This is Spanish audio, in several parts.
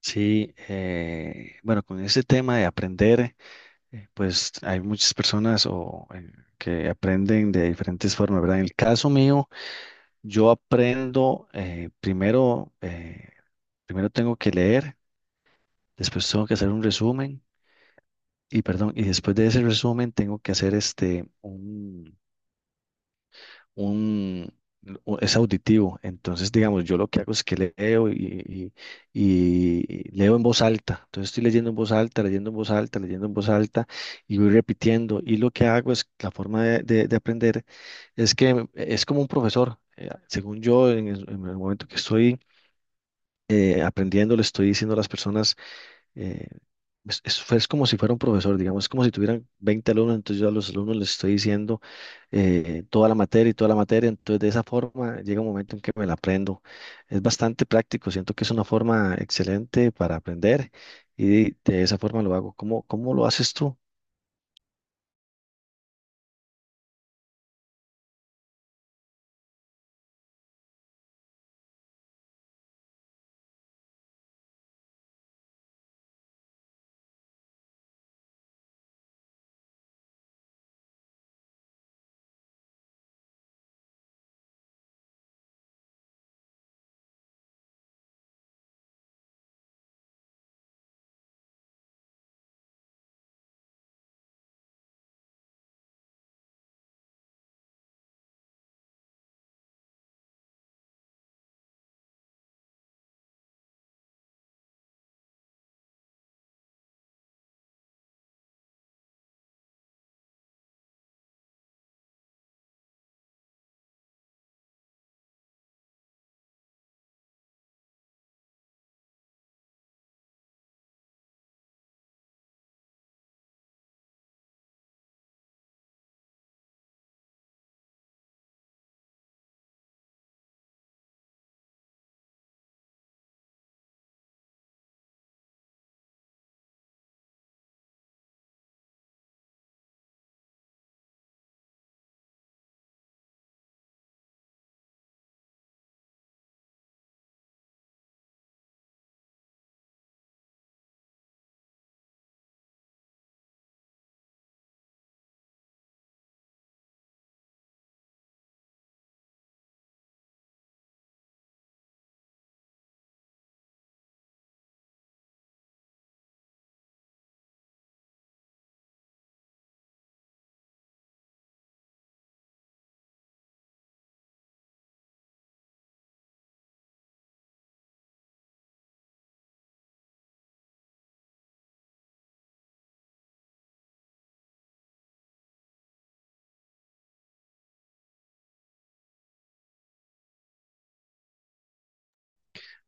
Sí, bueno, con ese tema de aprender, pues hay muchas personas o que aprenden de diferentes formas, ¿verdad? En el caso mío, yo aprendo primero, primero tengo que leer, después tengo que hacer un resumen y, perdón, y después de ese resumen tengo que hacer un, es auditivo. Entonces, digamos, yo lo que hago es que y- leo en voz alta. Entonces estoy leyendo en voz alta, leyendo en voz alta, leyendo en voz alta y voy repitiendo. Y lo que hago es, la forma de aprender es que es como un profesor. Según yo, en el momento que estoy aprendiendo, le estoy diciendo a las personas eh, es como si fuera un profesor, digamos, es como si tuvieran 20 alumnos, entonces yo a los alumnos les estoy diciendo toda la materia y toda la materia, entonces de esa forma llega un momento en que me la aprendo. Es bastante práctico, siento que es una forma excelente para aprender y de esa forma lo hago. ¿Cómo lo haces tú?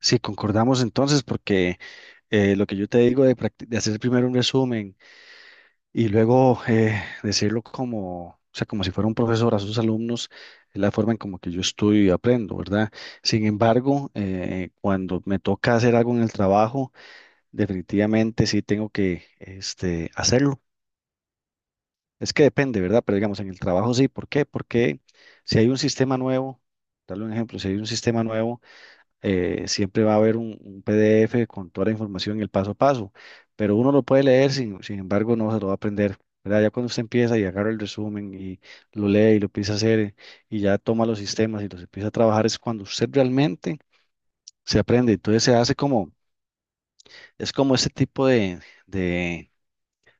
Sí, concordamos entonces, porque lo que yo te digo de, de hacer primero un resumen, y luego decirlo como, o sea, como si fuera un profesor a sus alumnos, es la forma en como que yo estudio y aprendo, ¿verdad? Sin embargo, cuando me toca hacer algo en el trabajo, definitivamente sí tengo que este, hacerlo. Es que depende, ¿verdad? Pero digamos, en el trabajo sí. ¿Por qué? Porque si hay un sistema nuevo, darle un ejemplo, si hay un sistema nuevo, siempre va a haber un PDF con toda la información y el paso a paso, pero uno lo puede leer, sin embargo, no se lo va a aprender, ¿verdad? Ya cuando usted empieza y agarra el resumen y lo lee y lo empieza a hacer y ya toma los sistemas y los empieza a trabajar, es cuando usted realmente se aprende. Entonces se hace como, es como ese tipo de,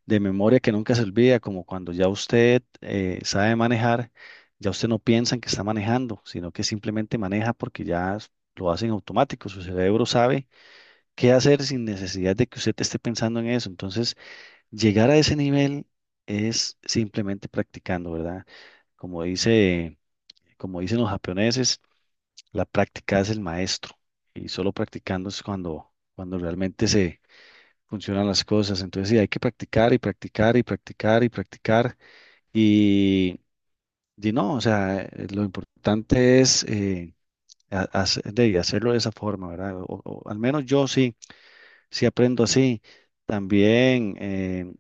de memoria que nunca se olvida, como cuando ya usted sabe manejar, ya usted no piensa en que está manejando, sino que simplemente maneja porque ya lo hace en automático, su cerebro sabe qué hacer sin necesidad de que usted esté pensando en eso. Entonces, llegar a ese nivel es simplemente practicando, ¿verdad? Como dice, Como dicen los japoneses, la práctica es el maestro y solo practicando es cuando, cuando realmente se funcionan las cosas. Entonces, sí, hay que practicar y practicar y practicar y practicar y, y no, o sea, lo importante es de hacerlo de esa forma, ¿verdad? O al menos yo sí. Sí, aprendo así. También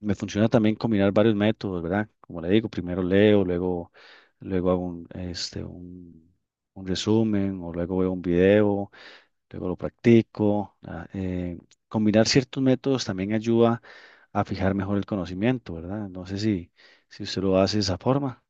me funciona también combinar varios métodos, ¿verdad? Como le digo, primero leo, luego hago un resumen o luego veo un video, luego lo practico. Combinar ciertos métodos también ayuda a fijar mejor el conocimiento, ¿verdad? No sé si usted lo hace de esa forma.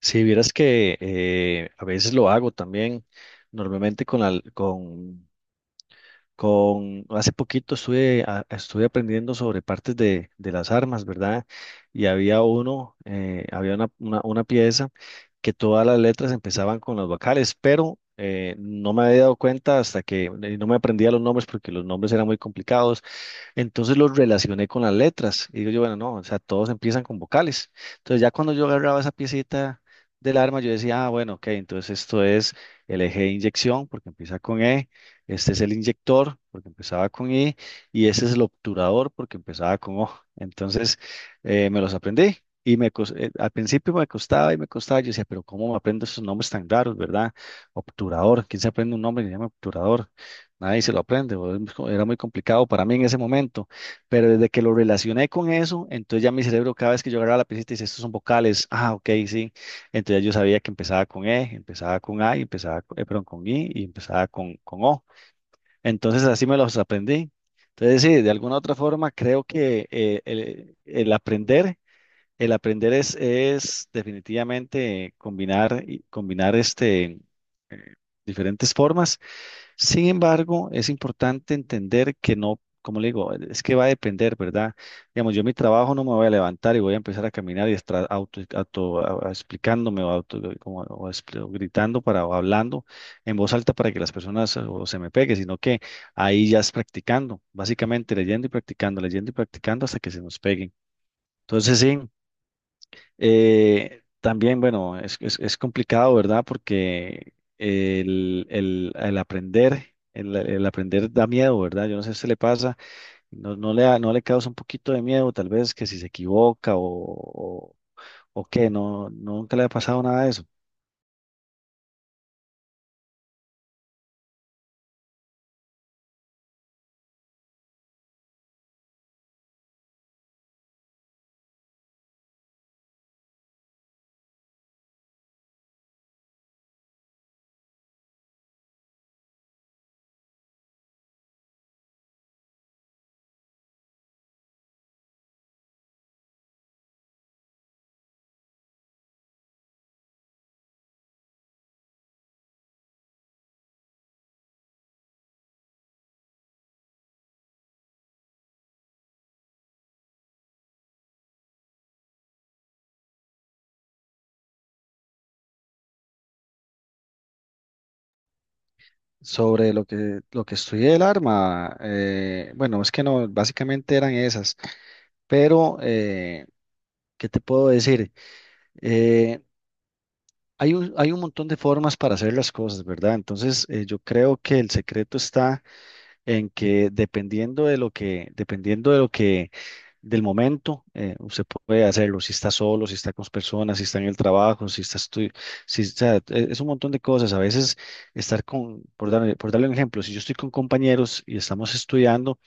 Si vieras que a veces lo hago también, normalmente hace poquito estuve aprendiendo sobre partes de las armas, ¿verdad? Y había uno, había una pieza que todas las letras empezaban con las vocales, pero no me había dado cuenta hasta que y no me aprendía los nombres porque los nombres eran muy complicados. Entonces los relacioné con las letras. Y digo yo, bueno, no, o sea, todos empiezan con vocales. Entonces ya cuando yo agarraba esa piecita del arma, yo decía, ah, bueno, ok, entonces esto es el eje de inyección, porque empieza con E, este es el inyector, porque empezaba con I, y ese es el obturador, porque empezaba con O. Entonces me los aprendí. Y al principio me costaba y me costaba. Yo decía, pero ¿cómo me aprendo esos nombres tan raros, verdad? Obturador, ¿quién se aprende un nombre que se llama obturador? Nadie se lo aprende, o es era muy complicado para mí en ese momento, pero desde que lo relacioné con eso, entonces ya mi cerebro cada vez que yo agarraba la pista dice, estos son vocales, ah, ok, sí, entonces yo sabía que empezaba con E, empezaba con A, y perdón, con I y empezaba con O, entonces así me los aprendí. Entonces sí, de alguna u otra forma creo que el aprender es definitivamente combinar eh, diferentes formas. Sin embargo, es importante entender que no, como le digo, es que va a depender, ¿verdad? Digamos, yo en mi trabajo no me voy a levantar y voy a empezar a caminar y estar explicándome o, auto, como- o expli- o gritando o hablando en voz alta para que las personas o se me pegue, sino que ahí ya es practicando, básicamente leyendo y practicando hasta que se nos peguen. Entonces, sí. También, bueno, es complicado, ¿verdad? Porque el aprender, el aprender da miedo, ¿verdad? Yo no sé si le pasa, no le causa un poquito de miedo, tal vez que si se equivoca o qué, no, nunca le ha pasado nada de eso. Sobre lo lo que estudié del arma, bueno, es que no, básicamente eran esas, pero ¿qué te puedo decir? Eh, Hay hay un montón de formas para hacer las cosas, ¿verdad? Entonces, yo creo que el secreto está en que dependiendo de lo que, del momento, usted puede hacerlo, si está solo, si está con personas, si está en el trabajo, si está estu- si, o sea, es un montón de cosas. A veces estar con, por darle un ejemplo, si yo estoy con compañeros y estamos estudiando,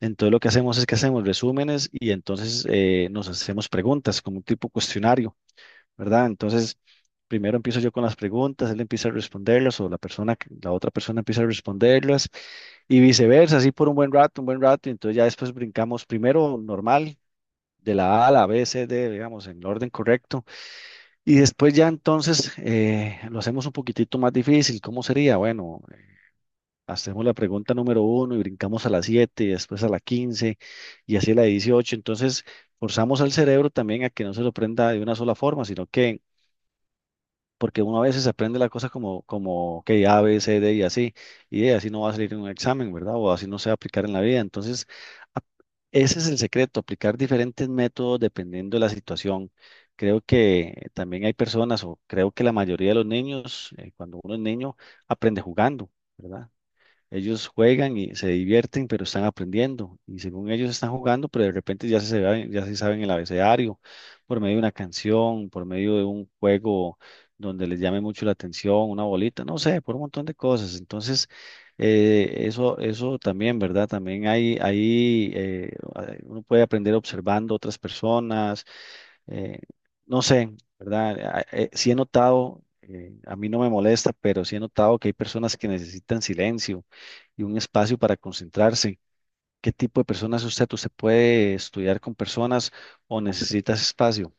entonces lo que hacemos es que hacemos resúmenes y entonces nos hacemos preguntas como un tipo cuestionario. ¿Verdad? Entonces, primero empiezo yo con las preguntas, él empieza a responderlas o la persona, la otra persona empieza a responderlas y viceversa, así por un buen rato, y entonces ya después brincamos primero normal, de la A a la B, C, D, digamos, en el orden correcto, y después ya entonces lo hacemos un poquitito más difícil, ¿cómo sería? Bueno, hacemos la pregunta número uno y brincamos a la 7 y después a la 15 y así a la 18, entonces forzamos al cerebro también a que no se lo prenda de una sola forma, sino que porque uno a veces aprende la cosa como, como que A, B, C, D y así, y de así no va a salir en un examen, ¿verdad? O así no se va a aplicar en la vida. Entonces, ap- ese es el secreto, aplicar diferentes métodos dependiendo de la situación. Creo que también hay personas, o creo que la mayoría de los niños, cuando uno es niño, aprende jugando, ¿verdad? Ellos juegan y se divierten, pero están aprendiendo. Y según ellos están jugando, pero de repente ya se saben el abecedario por medio de una canción, por medio de un juego donde les llame mucho la atención, una bolita, no sé, por un montón de cosas. Entonces, eso, eso también, ¿verdad? También hay, ahí uno puede aprender observando otras personas, eh, no sé, ¿verdad? Sí he notado, a mí no me molesta, pero sí he notado que hay personas que necesitan silencio y un espacio para concentrarse. ¿Qué tipo de personas es usted? ¿Usted puede estudiar con personas o necesitas espacio?